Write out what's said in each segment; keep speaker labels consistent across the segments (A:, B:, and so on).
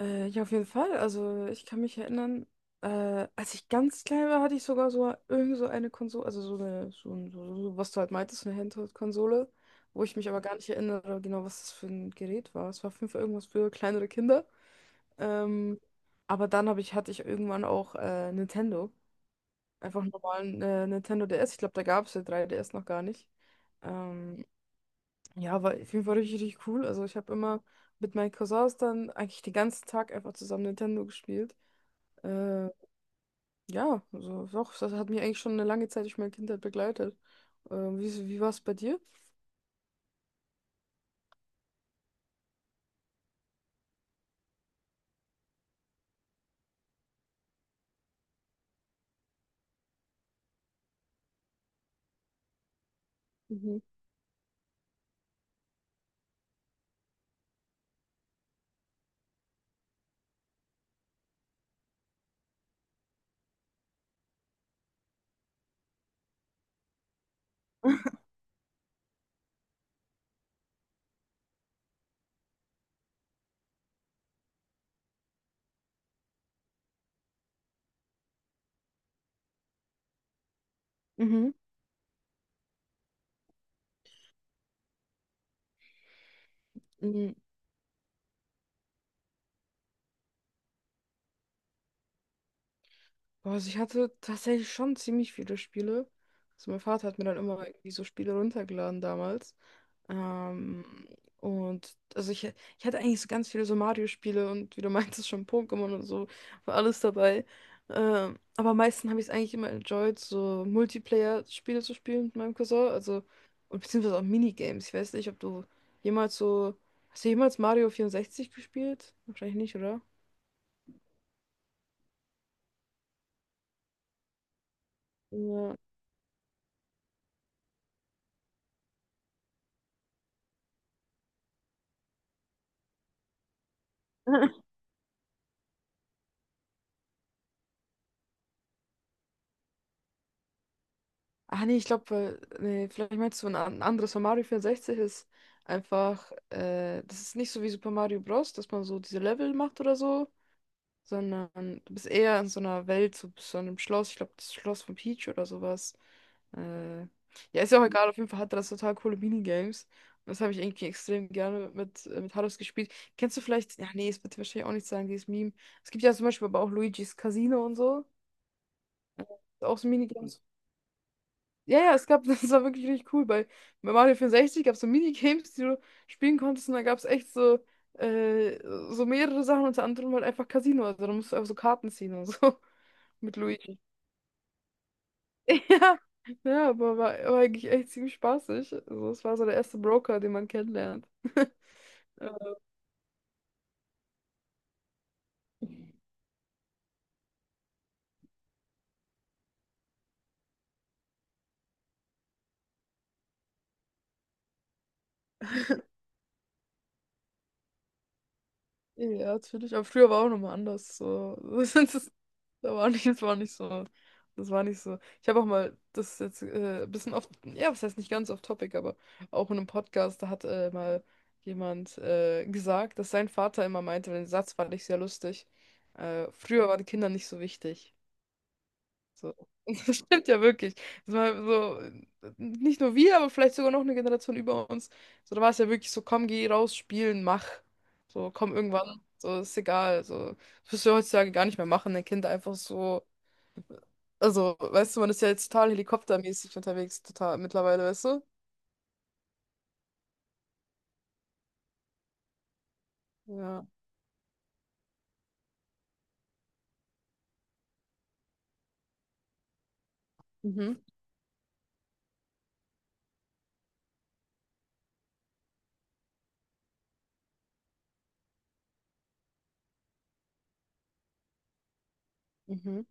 A: Ja, auf jeden Fall. Also ich kann mich erinnern, als ich ganz klein war, hatte ich sogar so irgend so eine Konsole, also so eine, was du halt meintest, so eine Handheld-Konsole, wo ich mich aber gar nicht erinnere, genau, was das für ein Gerät war. Es war fünf irgendwas für kleinere Kinder. Ähm, aber dann hatte ich irgendwann auch Nintendo. Einfach einen normalen Nintendo DS. Ich glaube, da gab es ja 3DS noch gar nicht. Ähm, ja, war auf jeden Fall richtig, richtig cool. Also ich habe immer mit meinen Cousins dann eigentlich den ganzen Tag einfach zusammen Nintendo gespielt. Äh, ja, also doch, das hat mich eigentlich schon eine lange Zeit durch meine Kindheit begleitet. Wie war es bei dir? Mhm. Mhm. Mhm. Boah, also ich hatte tatsächlich schon ziemlich viele Spiele. Also mein Vater hat mir dann immer irgendwie so Spiele runtergeladen damals. Ähm, und also ich hatte eigentlich so ganz viele so Mario-Spiele und wie du meintest schon Pokémon und so, war alles dabei. Aber am meisten habe ich es eigentlich immer enjoyed, so Multiplayer-Spiele zu spielen mit meinem Cousin. Also, und beziehungsweise auch Minigames. Ich weiß nicht, ob du jemals so. Hast du jemals Mario 64 gespielt? Wahrscheinlich nicht, oder? Ja. Ah, nee, ich glaube, nee, vielleicht meinst du ein anderes. Von Mario 64 ist einfach, das ist nicht so wie Super Mario Bros., dass man so diese Level macht oder so, sondern du bist eher in so einer Welt, so einem Schloss, ich glaube, das Schloss von Peach oder sowas. Äh, ja, ist ja auch egal, auf jeden Fall hat das total coole Minigames. Und das habe ich irgendwie extrem gerne mit Haros gespielt. Kennst du vielleicht, ja, nee, es wird dir wahrscheinlich auch nicht sagen, dieses Meme. Es gibt ja zum Beispiel aber auch Luigi's Casino und so. Auch so Minigames, ja, ja, es gab, das war wirklich richtig cool. Bei Mario 64 gab es so Minigames, die du spielen konntest, und da gab es echt äh, so mehrere Sachen, unter anderem halt einfach Casino. Also da musst du einfach so Karten ziehen und so mit Luigi. Ja, ja, aber war eigentlich echt ziemlich spaßig. Also, es war so der erste Broker, den man kennenlernt. Ja, natürlich. Aber früher war auch nochmal anders. So. Das, ist- Da war nicht, das war nicht so. Das war nicht so. Ich habe auch mal, das ist jetzt ein bisschen off, ja, was heißt nicht ganz off topic, aber auch in einem Podcast, da hat mal jemand gesagt, dass sein Vater immer meinte, den Satz fand ich sehr lustig. Früher waren Kinder nicht so wichtig. So. Das stimmt ja wirklich. Das war so, nicht nur wir, aber vielleicht sogar noch eine Generation über uns. So, da war es ja wirklich so, komm, geh raus, spielen, mach. So, komm irgendwann. So, ist egal. So, das wirst du ja heutzutage gar nicht mehr machen, ein Kind einfach so. Also, weißt du, man ist ja jetzt total helikoptermäßig unterwegs, total mittlerweile, weißt du? Ja. Mhm. Mhm.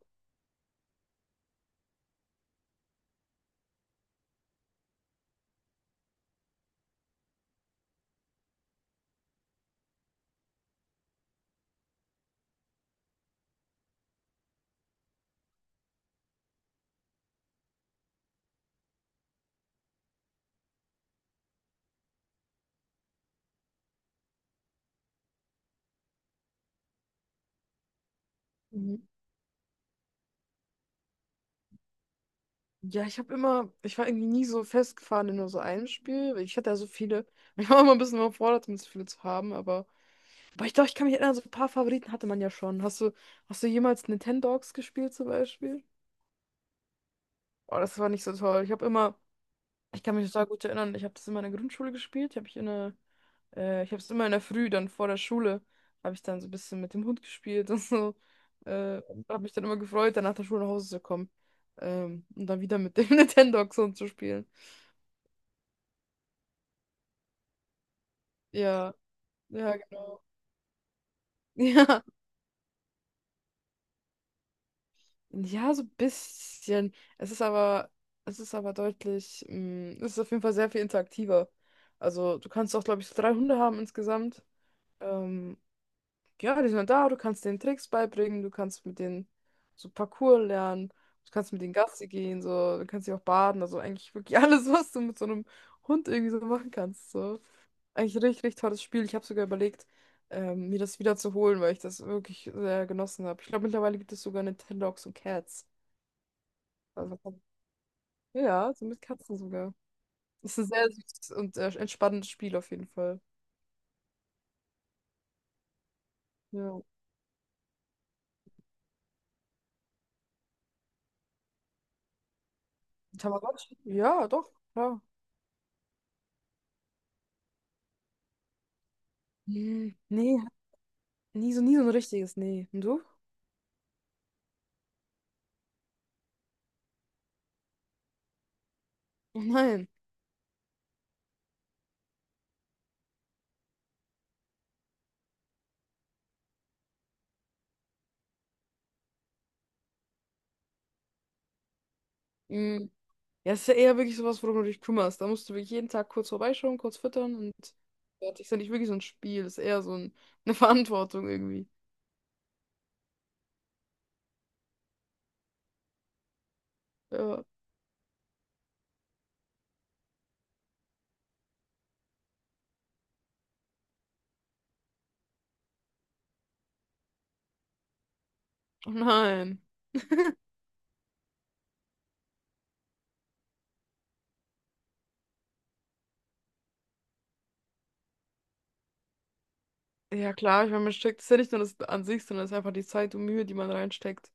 A: Mhm. Ja, ich habe immer, ich war irgendwie nie so festgefahren in nur so einem Spiel, weil ich hatte ja so viele. Ich war immer ein bisschen überfordert, um so viele zu haben, aber. Aber ich glaube, ich kann mich erinnern, so ein paar Favoriten hatte man ja schon. Hast du jemals Nintendogs gespielt zum Beispiel? Oh, das war nicht so toll. Ich habe immer, ich kann mich total gut erinnern, ich habe das immer in der Grundschule gespielt. Hab ich in der, Ich habe es immer in der Früh, dann vor der Schule, habe ich dann so ein bisschen mit dem Hund gespielt und so. Äh, Habe mich dann immer gefreut, dann nach der Schule nach Hause zu kommen. Und dann wieder mit dem Nintendogs und zu spielen. Ja, ja, genau. Ja, ja, so ein bisschen. Es ist aber deutlich, es ist auf jeden Fall sehr viel interaktiver. Also du kannst auch, glaube ich, so drei Hunde haben insgesamt. Ähm, ja, die sind dann da, du kannst denen Tricks beibringen, du kannst mit denen so Parkour lernen, du kannst mit denen Gassi gehen, so, du kannst sie auch baden, also eigentlich wirklich alles, was du mit so einem Hund irgendwie so machen kannst. So. Eigentlich ein richtig, richtig tolles Spiel. Ich habe sogar überlegt, mir das wieder zu holen, weil ich das wirklich sehr genossen habe. Ich glaube, mittlerweile gibt es sogar Nintendogs und Cats. Also, ja, so mit Katzen sogar. Das ist ein sehr süßes und entspannendes Spiel auf jeden Fall. Ja. Tamagotchi? Ja, doch, klar. Nee, hat nie so ein richtiges, nee. Und du? Oh nein. Hm. Ja, es ist ja eher wirklich sowas, worum du dich kümmerst. Da musst du wirklich jeden Tag kurz vorbeischauen, kurz füttern und fertig. Ist ja nicht wirklich so ein Spiel, ist eher so ein, eine Verantwortung irgendwie. Ja. Oh nein. Ja, klar, ich meine, man steckt, ist ja nicht nur das an sich, sondern es ist einfach die Zeit und Mühe, die man reinsteckt.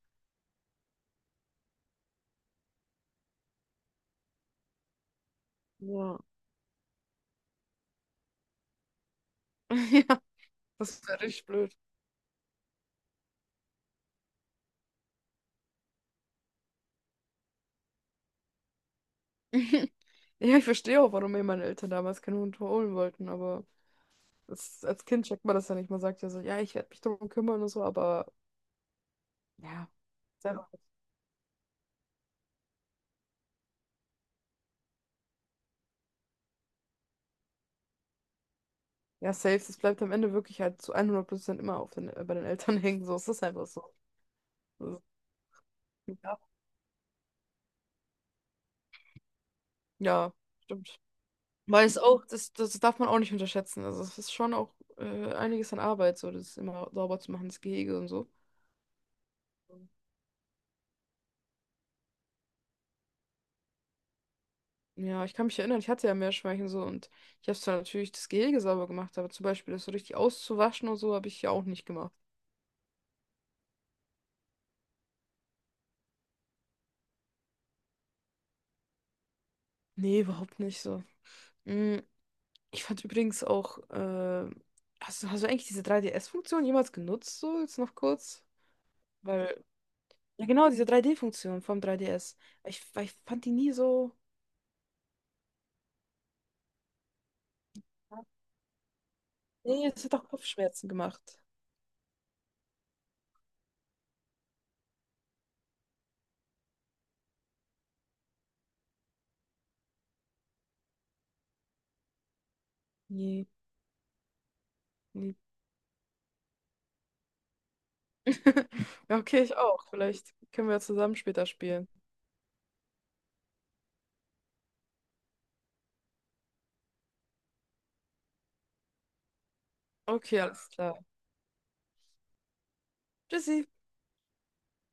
A: Ja. Ja, das wäre richtig blöd. Ja, ich verstehe auch, warum mir meine Eltern damals keinen Hund holen wollten, aber das, als Kind checkt man das ja nicht. Man sagt ja so, ja, ich werde mich darum kümmern und so, aber ja, selber. Ja, safe, das bleibt am Ende wirklich halt zu 100% immer bei den Eltern hängen. So, es ist das einfach so. Das Ja, ja, stimmt. Weil es auch, das darf man auch nicht unterschätzen. Also es ist schon auch einiges an Arbeit, so das immer sauber zu machen, das Gehege und so. Ja, ich kann mich erinnern, ich hatte ja Meerschweinchen so und ich habe zwar natürlich das Gehege sauber gemacht, aber zum Beispiel das so richtig auszuwaschen und so habe ich ja auch nicht gemacht. Nee, überhaupt nicht so. Mm, Ich fand übrigens auch, hast du eigentlich diese 3 S funktion jemals genutzt, so jetzt noch kurz? Weil, ja genau, diese 3D-Funktion vom 3DS. Weil ich fand die nie so. Nee, es hat auch Kopfschmerzen gemacht. Nee, nee. Ja, okay, ich auch. Vielleicht können wir ja zusammen später spielen. Okay, alles klar. Tschüssi.